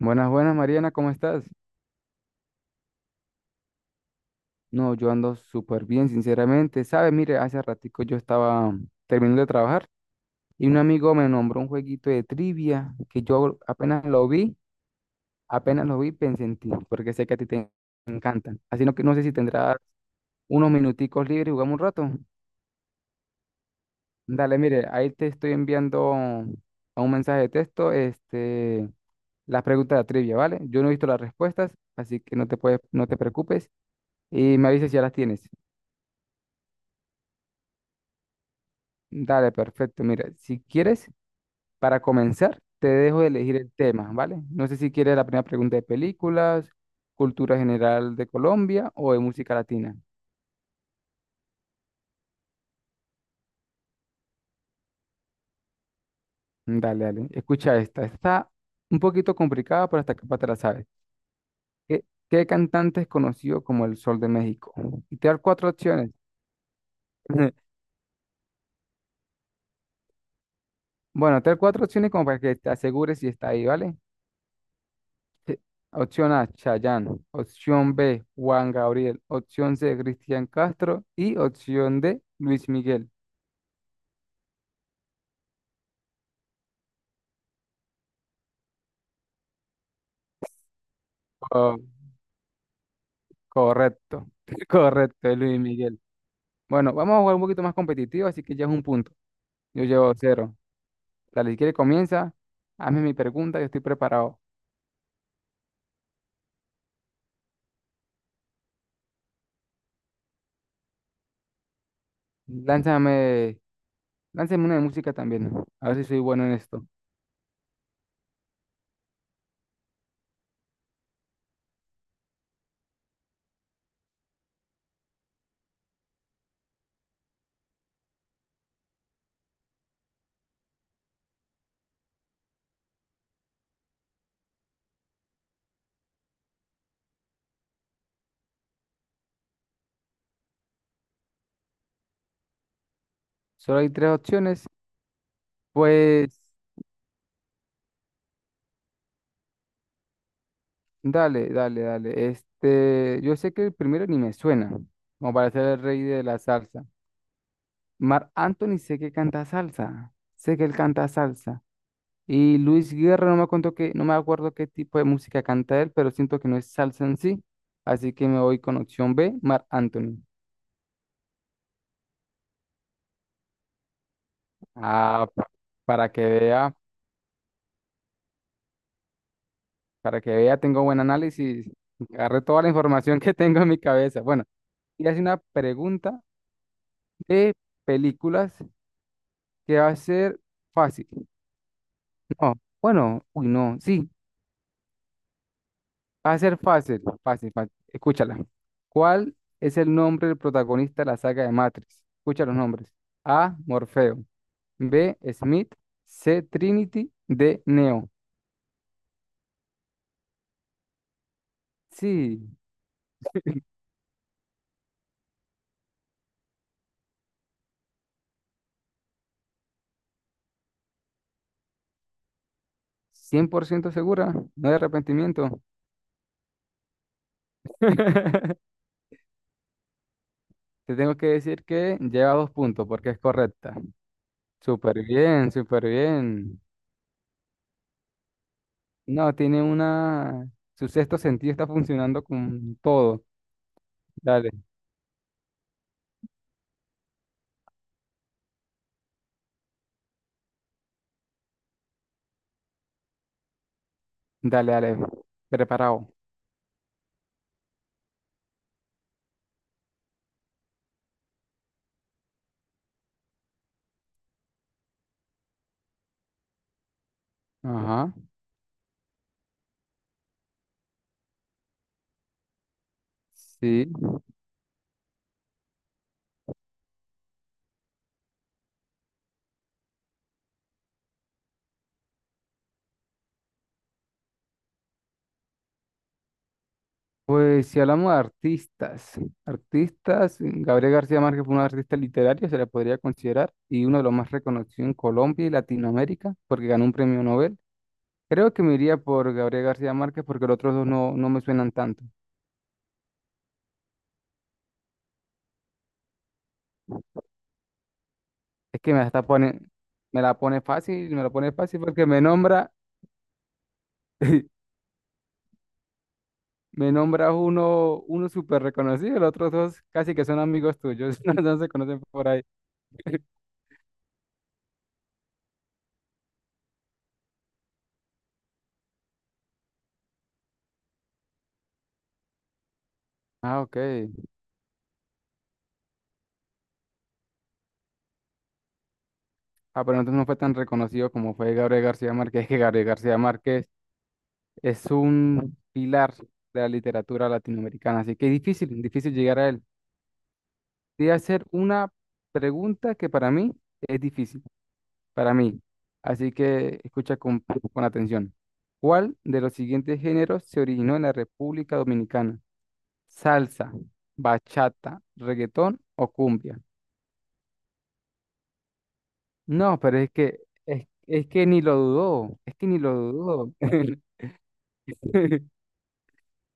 Buenas, buenas, Mariana, ¿cómo estás? No, yo ando súper bien, sinceramente. ¿Sabes? Mire, hace ratico yo estaba terminando de trabajar y un amigo me nombró un jueguito de trivia que yo apenas lo vi, pensé en ti, porque sé que a ti te encantan. Así no que no sé si tendrás unos minuticos libres y jugamos un rato. Dale, mire, ahí te estoy enviando a un mensaje de texto, este, las preguntas de trivia, ¿vale? Yo no he visto las respuestas, así que no te preocupes y me avisas si ya las tienes. Dale, perfecto. Mira, si quieres, para comenzar, te dejo elegir el tema, ¿vale? No sé si quieres la primera pregunta de películas, cultura general de Colombia o de música latina. Dale, dale. Escucha esta. Está un poquito complicada, pero hasta capaz te la sabes. ¿Qué cantante es conocido como el Sol de México? Y te dar cuatro opciones. Bueno, te dar cuatro opciones como para que te asegures si está ahí, ¿vale? Sí. Opción A, Chayanne. Opción B, Juan Gabriel. Opción C, Cristian Castro. Y opción D, Luis Miguel. Co- correcto, correcto, es Luis Miguel. Bueno, vamos a jugar un poquito más competitivo, así que ya es un punto. Yo llevo cero. Dale, si quiere comienza, hazme mi pregunta, yo estoy preparado. Lánzame, lánzame una de música también, a ver si soy bueno en esto. Solo hay tres opciones. Pues dale, dale, dale. Este, yo sé que el primero ni me suena, como para ser el rey de la salsa. Marc Anthony sé que canta salsa, sé que él canta salsa. Y Luis Guerra, no me acuerdo qué tipo de música canta él, pero siento que no es salsa en sí. Así que me voy con opción B, Marc Anthony. Ah, pa- para que vea, para que vea, tengo buen análisis. Agarré toda la información que tengo en mi cabeza. Bueno, y hace una pregunta de películas que va a ser fácil. Oh, bueno, uy, no, sí, va a ser fácil, fácil, fácil. Escúchala. ¿Cuál es el nombre del protagonista de la saga de Matrix? Escucha los nombres. A, Morfeo. B, Smith. C, Trinity. D, Neo. Sí, 100% segura, no hay arrepentimiento. Te tengo que decir que lleva dos puntos porque es correcta. Súper bien, súper bien. No, tiene una Su sexto sentido está funcionando con todo. Dale. Dale, dale, preparado. Ajá, sí. Pues si hablamos de artistas, artistas, Gabriel García Márquez fue un artista literario, se le podría considerar, y uno de los más reconocidos en Colombia y Latinoamérica, porque ganó un premio Nobel. Creo que me iría por Gabriel García Márquez porque los otros dos no, no me suenan tanto. Es que me la pone fácil, me la pone fácil porque me nombra, me nombra uno súper reconocido, los otros dos casi que son amigos tuyos, no, no se conocen por ahí. Ah, ok. Ah, pero entonces no fue tan reconocido como fue Gabriel García Márquez, es que Gabriel García Márquez es un pilar de la literatura latinoamericana, así que es difícil, difícil llegar a él. Te voy a hacer una pregunta que para mí es difícil, para mí, así que escucha con atención. ¿Cuál de los siguientes géneros se originó en la República Dominicana? ¿Salsa, bachata, reggaetón o cumbia? No, pero es que, es que ni lo dudó, es que ni lo dudó.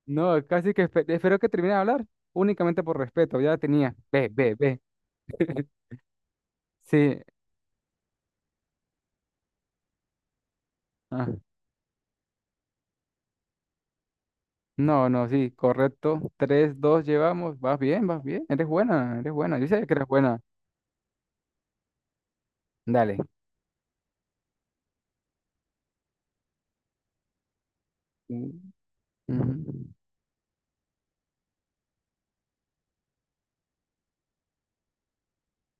No, casi que espero que termine de hablar, únicamente por respeto, ya tenía. Ve, ve, ve. Sí, ah, no, no, sí, correcto. 3-2 llevamos, vas bien, eres buena, yo sé que eres buena. Dale. U- ujú.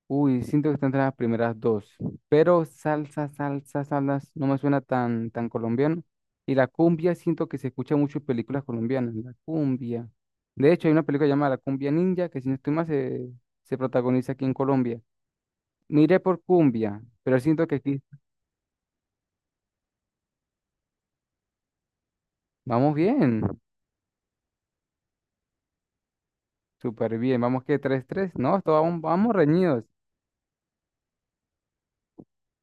Uy, siento que están entre las primeras dos, pero salsa, salsa, salsa, no me suena tan colombiano. Y la cumbia siento que se escucha mucho en películas colombianas, la cumbia. De hecho, hay una película llamada La Cumbia Ninja, que si no estoy mal se protagoniza aquí en Colombia. Miré por cumbia, pero siento que aquí vamos bien, súper bien. Vamos, que 3-3. No, esto, vamos, vamos reñidos.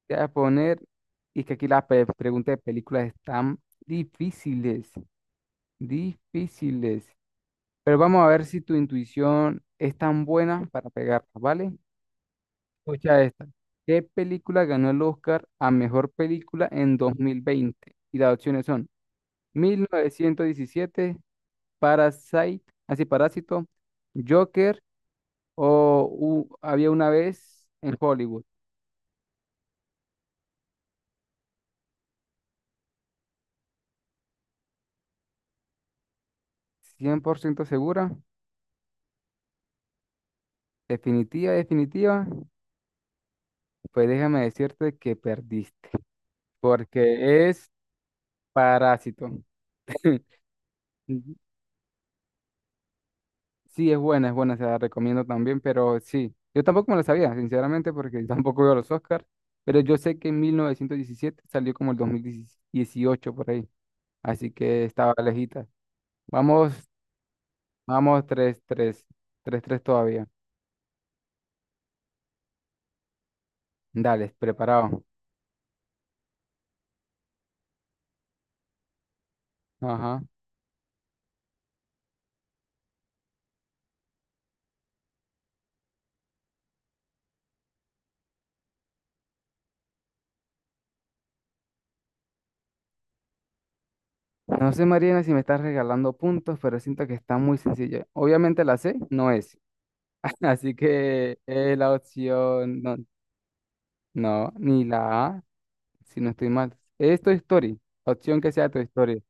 Te voy a poner, y que aquí las preguntas de películas están difíciles, difíciles. Pero vamos a ver si tu intuición es tan buena para pegarlas, ¿vale? Escucha esta. ¿Qué película ganó el Oscar a mejor película en 2020? Y las opciones son 1917, Parasite, así Parásito, Joker, o había una vez en Hollywood. 100% segura, definitiva, definitiva, pues déjame decirte que perdiste, porque es Parásito. Ujú. Sí, es buena, se la recomiendo también, pero sí, yo tampoco me la sabía, sinceramente, porque tampoco veo los Oscars, pero yo sé que en 1917 salió como el 2018 por ahí, así que estaba lejita. Vamos, vamos, tres tres tres tres todavía. Dale, preparado. Ajá. No sé, Mariana, si me estás regalando puntos, pero siento que está muy sencilla. Obviamente la C no es, así que la opción no, no, ni la A, si no estoy mal. Es Toy Story, opción que sea tu historia.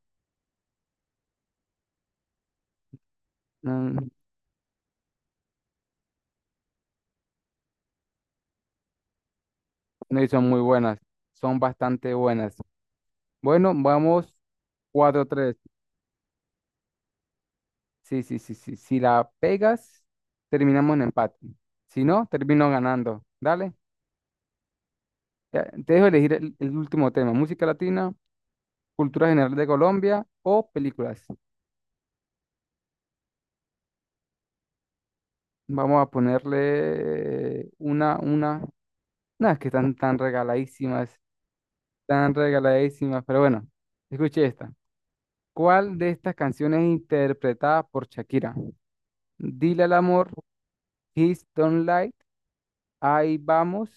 No, no, y son muy buenas, son bastante buenas. Bueno, vamos, 4-3. Sí, sí, sí, sí. Si la pegas, terminamos en empate. Si no, termino ganando. Dale, ya, te dejo elegir el último tema, música latina, cultura general de Colombia o películas. Vamos a ponerle nada, es que están tan regaladísimas, pero bueno, escuche esta. ¿Cuál de estas canciones es interpretada por Shakira? Dile al amor, Kiss Don't Lie, Ahí vamos,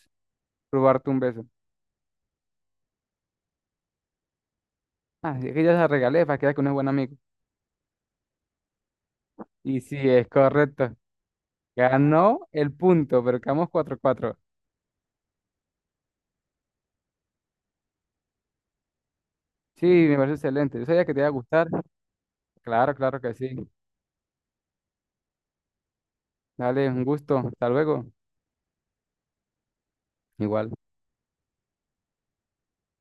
robarte un beso. Ah, es que ya se regalé para quedar con un buen amigo. Y sí, es correcto. Ganó el punto, pero quedamos 4-4. Sí, me parece excelente. Yo sabía que te iba a gustar. Claro, claro que sí. Dale, un gusto. Hasta luego. Igual.